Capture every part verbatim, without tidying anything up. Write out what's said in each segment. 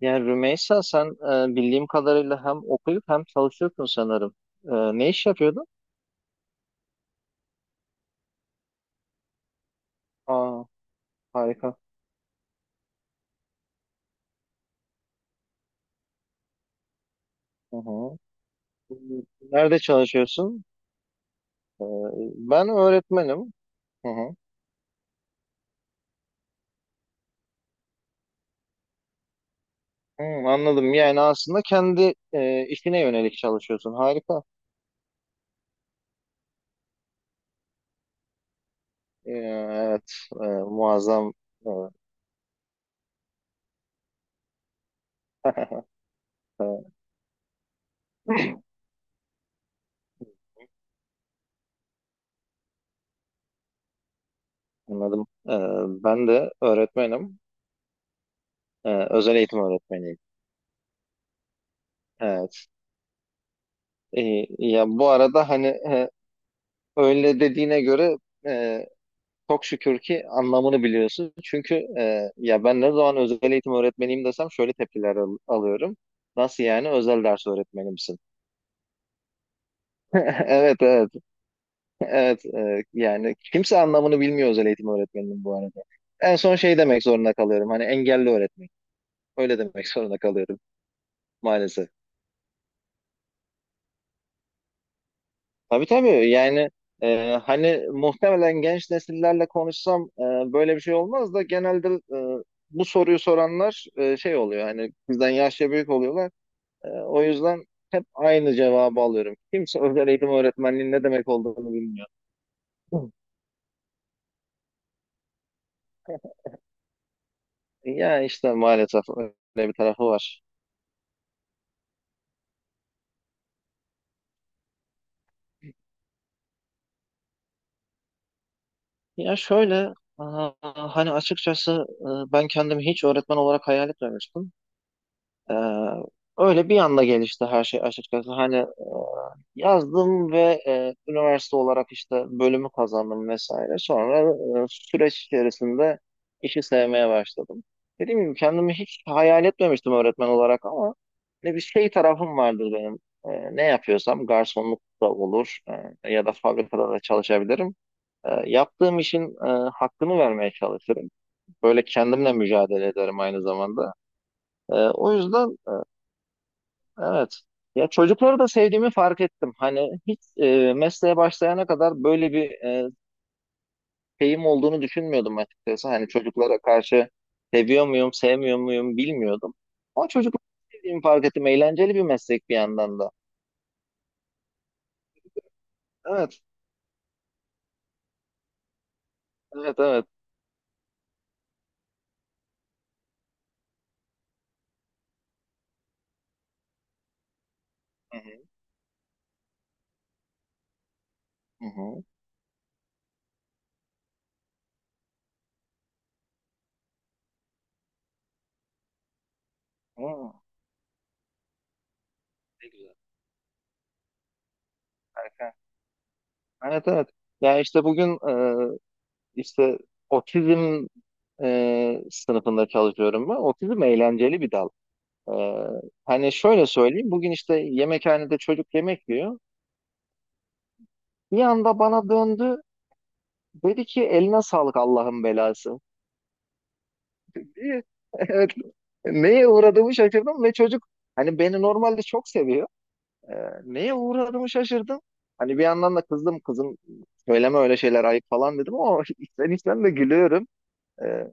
Yani Rümeysa sen e, bildiğim kadarıyla hem okuyup hem çalışıyorsun sanırım. E, Ne iş yapıyordun? Aa, harika. Hı hı. Nerede çalışıyorsun? E, Ben öğretmenim. Hı hı. Hı, anladım. Yani aslında kendi e, işine yönelik çalışıyorsun. Harika. E, evet, e, muazzam. E, e, Anladım. E, ben de öğretmenim. E, özel eğitim öğretmeniyim. Evet. E, Ya bu arada hani e, öyle dediğine göre e, çok şükür ki anlamını biliyorsun. Çünkü e, ya ben ne zaman özel eğitim öğretmeniyim desem şöyle tepkiler al- alıyorum. Nasıl yani özel ders öğretmeni misin? Evet, evet, evet, e, yani kimse anlamını bilmiyor özel eğitim öğretmeninin bu arada. En son şey demek zorunda kalıyorum hani engelli öğretmen. Öyle demek zorunda kalıyorum maalesef. Tabii, tabii, yani e, hani muhtemelen genç nesillerle konuşsam e, böyle bir şey olmaz da genelde e, bu soruyu soranlar e, şey oluyor hani bizden yaşça büyük oluyorlar. Ee, o yüzden hep aynı cevabı alıyorum. Kimse özel eğitim öğretmenliğinin ne demek olduğunu bilmiyor. Hı. Ya işte maalesef öyle bir tarafı var. Ya şöyle, aa, hani açıkçası e, ben kendimi hiç öğretmen olarak hayal etmemiştim. Ee, Öyle bir anda gelişti her şey açıkçası. Hani e, yazdım ve e, üniversite olarak işte bölümü kazandım vesaire. Sonra e, süreç içerisinde işi sevmeye başladım. Dediğim gibi kendimi hiç hayal etmemiştim öğretmen olarak ama ne bir şey tarafım vardır benim. E, ne yapıyorsam garsonluk da olur, e, ya da fabrikada da çalışabilirim. E, yaptığım işin e, hakkını vermeye çalışırım. Böyle kendimle mücadele ederim aynı zamanda. E, o yüzden. Evet. Ya çocukları da sevdiğimi fark ettim. Hani hiç e, mesleğe başlayana kadar böyle bir e, şeyim olduğunu düşünmüyordum açıkçası. Hani çocuklara karşı seviyor muyum, sevmiyor muyum bilmiyordum. Ama çocukları sevdiğimi fark ettim. Eğlenceli bir meslek bir yandan da. Evet, evet, evet. Hı hı. Hı hı. Aa, ne güzel. Harika. Evet, evet. Ya işte bugün e, işte otizm e, sınıfında çalışıyorum ben. Otizm eğlenceli bir dal. Ee, Hani şöyle söyleyeyim. Bugün işte yemekhanede çocuk yemek yiyor. Bir anda bana döndü. Dedi ki eline sağlık Allah'ın belası diye. Evet. Neye uğradığımı şaşırdım ve çocuk hani beni normalde çok seviyor. Ee, Neye uğradığımı şaşırdım. Hani bir yandan da kızdım, kızım söyleme öyle şeyler ayıp falan dedim ama içten içten de gülüyorum. Ee,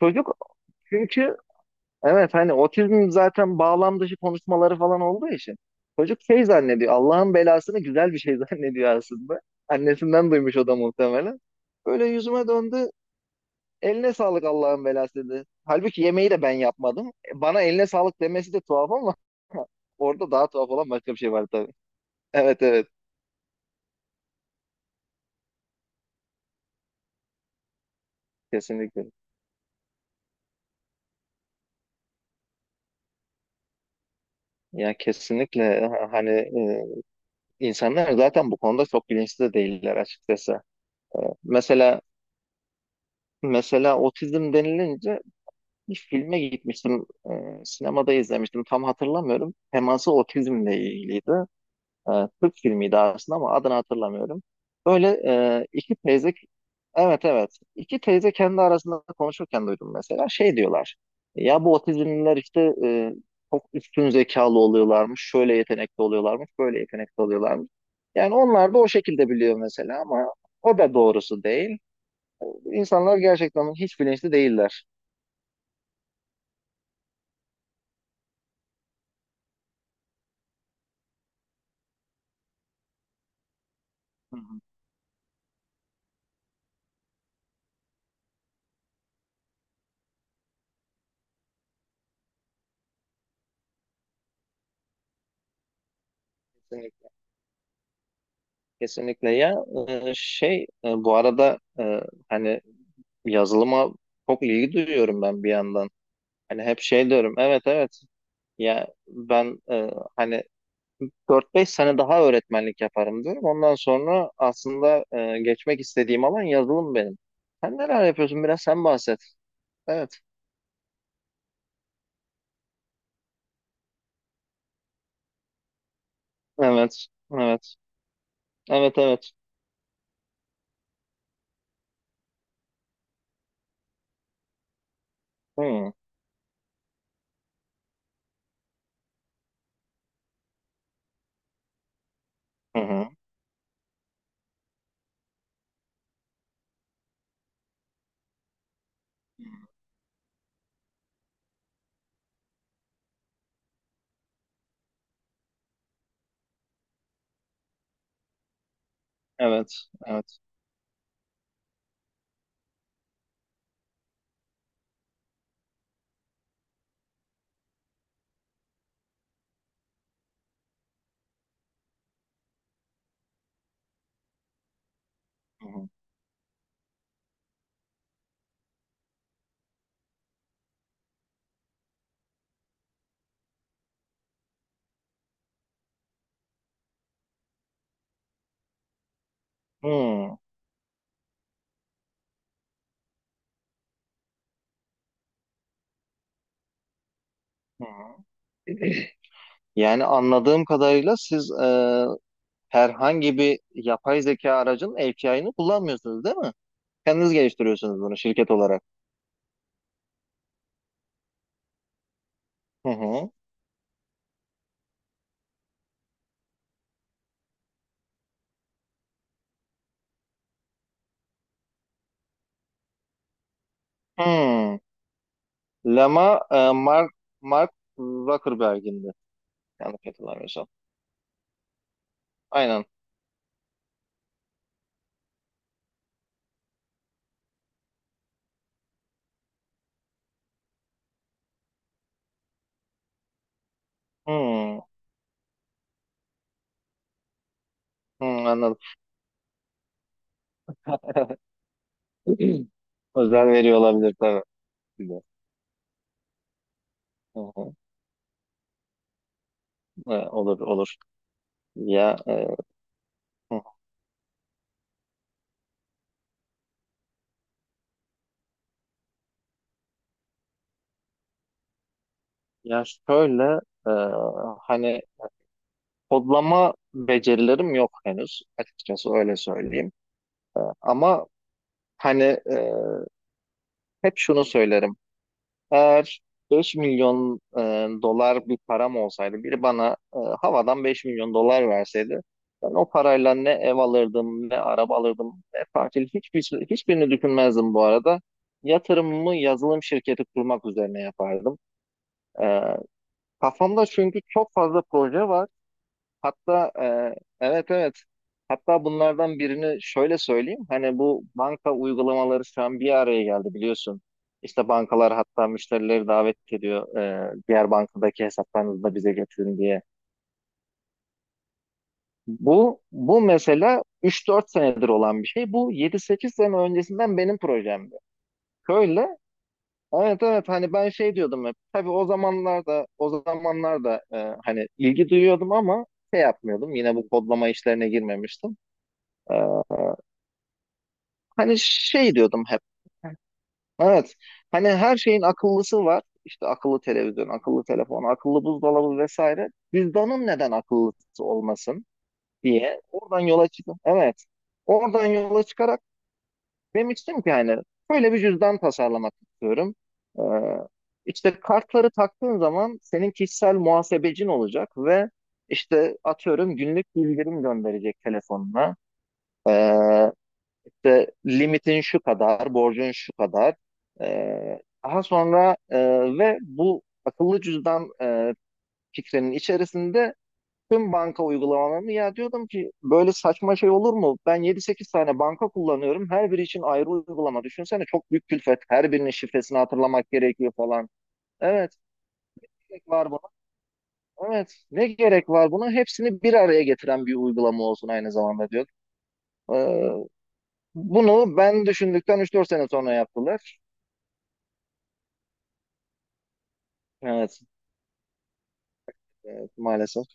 Çocuk çünkü evet, hani otizm zaten bağlam dışı konuşmaları falan olduğu için çocuk şey zannediyor, Allah'ın belasını güzel bir şey zannediyor aslında. Annesinden duymuş o da muhtemelen. Böyle yüzüme döndü, eline sağlık Allah'ın belası dedi. Halbuki yemeği de ben yapmadım. Bana eline sağlık demesi de tuhaf ama orada daha tuhaf olan başka bir şey var tabii. Evet, evet, kesinlikle. Ya kesinlikle ha- hani e, insanlar zaten bu konuda çok bilinçli de değiller açıkçası. Mesela mesela otizm denilince bir filme gitmiştim. E, sinemada izlemiştim. Tam hatırlamıyorum. Teması otizmle ilgiliydi. E, Türk filmiydi aslında ama adını hatırlamıyorum. Böyle e, iki teyze, evet, evet. İki teyze kendi arasında konuşurken duydum mesela. Şey diyorlar. Ya bu otizmliler işte e, çok üstün zekalı oluyorlarmış. Şöyle yetenekli oluyorlarmış. Böyle yetenekli oluyorlarmış. Yani onlar da o şekilde biliyor mesela ama o da doğrusu değil. İnsanlar gerçekten hiç bilinçli değiller. Hı hı. Kesinlikle ya, e, şey e, bu arada e, hani yazılıma çok ilgi duyuyorum ben bir yandan. Hani hep şey diyorum, evet, evet, ya ben e, hani dört beş sene daha öğretmenlik yaparım diyorum. Ondan sonra aslında e, geçmek istediğim alan yazılım benim. Sen neler yapıyorsun biraz sen bahset. Evet, evet, evet, evet, evet. Hı hı hı. Evet, evet. Hı hı. Hı hı. Yani anladığım kadarıyla siz e, herhangi bir yapay zeka aracın A P I'ını kullanmıyorsunuz değil mi? Kendiniz geliştiriyorsunuz bunu şirket olarak. Hı hı. Hmm. Lama e, Mark Mark Zuckerberg'indi. Yanlış hatırlamıyorsam. Aynen. Hmm. Hmm, anladım. Özel veriyor olabilir tabii. Bilmiyorum. Hı hı. E, olur, olur. Ya, e, hı. Ya şöyle e, hani kodlama becerilerim yok henüz açıkçası öyle söyleyeyim. Ama hani, e, hep şunu söylerim. Eğer beş milyon e, dolar bir param olsaydı, biri bana e, havadan beş milyon dolar verseydi, ben o parayla ne ev alırdım, ne araba alırdım, ne tatil, hiçbir, şey, hiçbirini düşünmezdim bu arada. Yatırımımı yazılım şirketi kurmak üzerine yapardım. E, Kafamda çünkü çok fazla proje var. Hatta e, evet, evet. Hatta bunlardan birini şöyle söyleyeyim. Hani bu banka uygulamaları şu an bir araya geldi biliyorsun. İşte bankalar hatta müşterileri davet ediyor, e, diğer bankadaki hesaplarınızı da bize getirin diye. Bu bu mesela üç dört senedir olan bir şey. Bu yedi sekiz sene öncesinden benim projemdi. Şöyle, evet, evet, hani ben şey diyordum hep. Tabii o zamanlarda o zamanlarda e, hani ilgi duyuyordum ama şey yapmıyordum. Yine bu kodlama işlerine girmemiştim. E, Hani şey diyordum hep. Evet. Hani her şeyin akıllısı var. İşte akıllı televizyon, akıllı telefon, akıllı buzdolabı vesaire. Cüzdanın neden akıllısı olmasın diye oradan yola çıkıp evet. Oradan yola çıkarak demiştim ki hani böyle bir cüzdan tasarlamak istiyorum. Ee, işte kartları taktığın zaman senin kişisel muhasebecin olacak ve işte atıyorum günlük bildirim gönderecek telefonuna. Ee, işte limitin şu kadar, borcun şu kadar. Ee, Daha sonra e, ve bu akıllı cüzdan e, fikrinin içerisinde tüm banka uygulamalarını, ya diyordum ki, böyle saçma şey olur mu? Ben yedi sekiz tane banka kullanıyorum. Her biri için ayrı uygulama. Düşünsene çok büyük külfet. Her birinin şifresini hatırlamak gerekiyor falan. Evet, gerek var buna. Evet, ne gerek var buna? Hepsini bir araya getiren bir uygulama olsun aynı zamanda diyor. Ee, Bunu ben düşündükten üç dört sene sonra yaptılar. Evet. Evet, maalesef.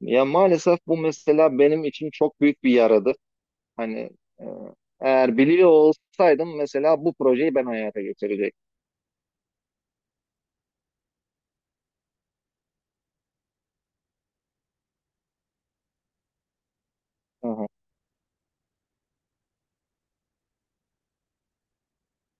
Ya maalesef bu mesela benim için çok büyük bir yaradır. Hani e, eğer biliyor olsaydım mesela bu projeyi ben hayata geçirecektim. Hı hı.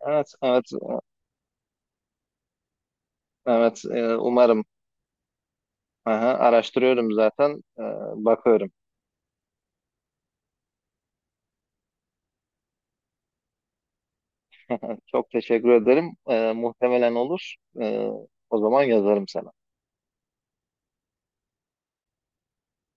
Evet, evet, evet. E, umarım. Aha, araştırıyorum zaten. E, Bakıyorum. Çok teşekkür ederim. E, muhtemelen olur. E, O zaman yazarım sana.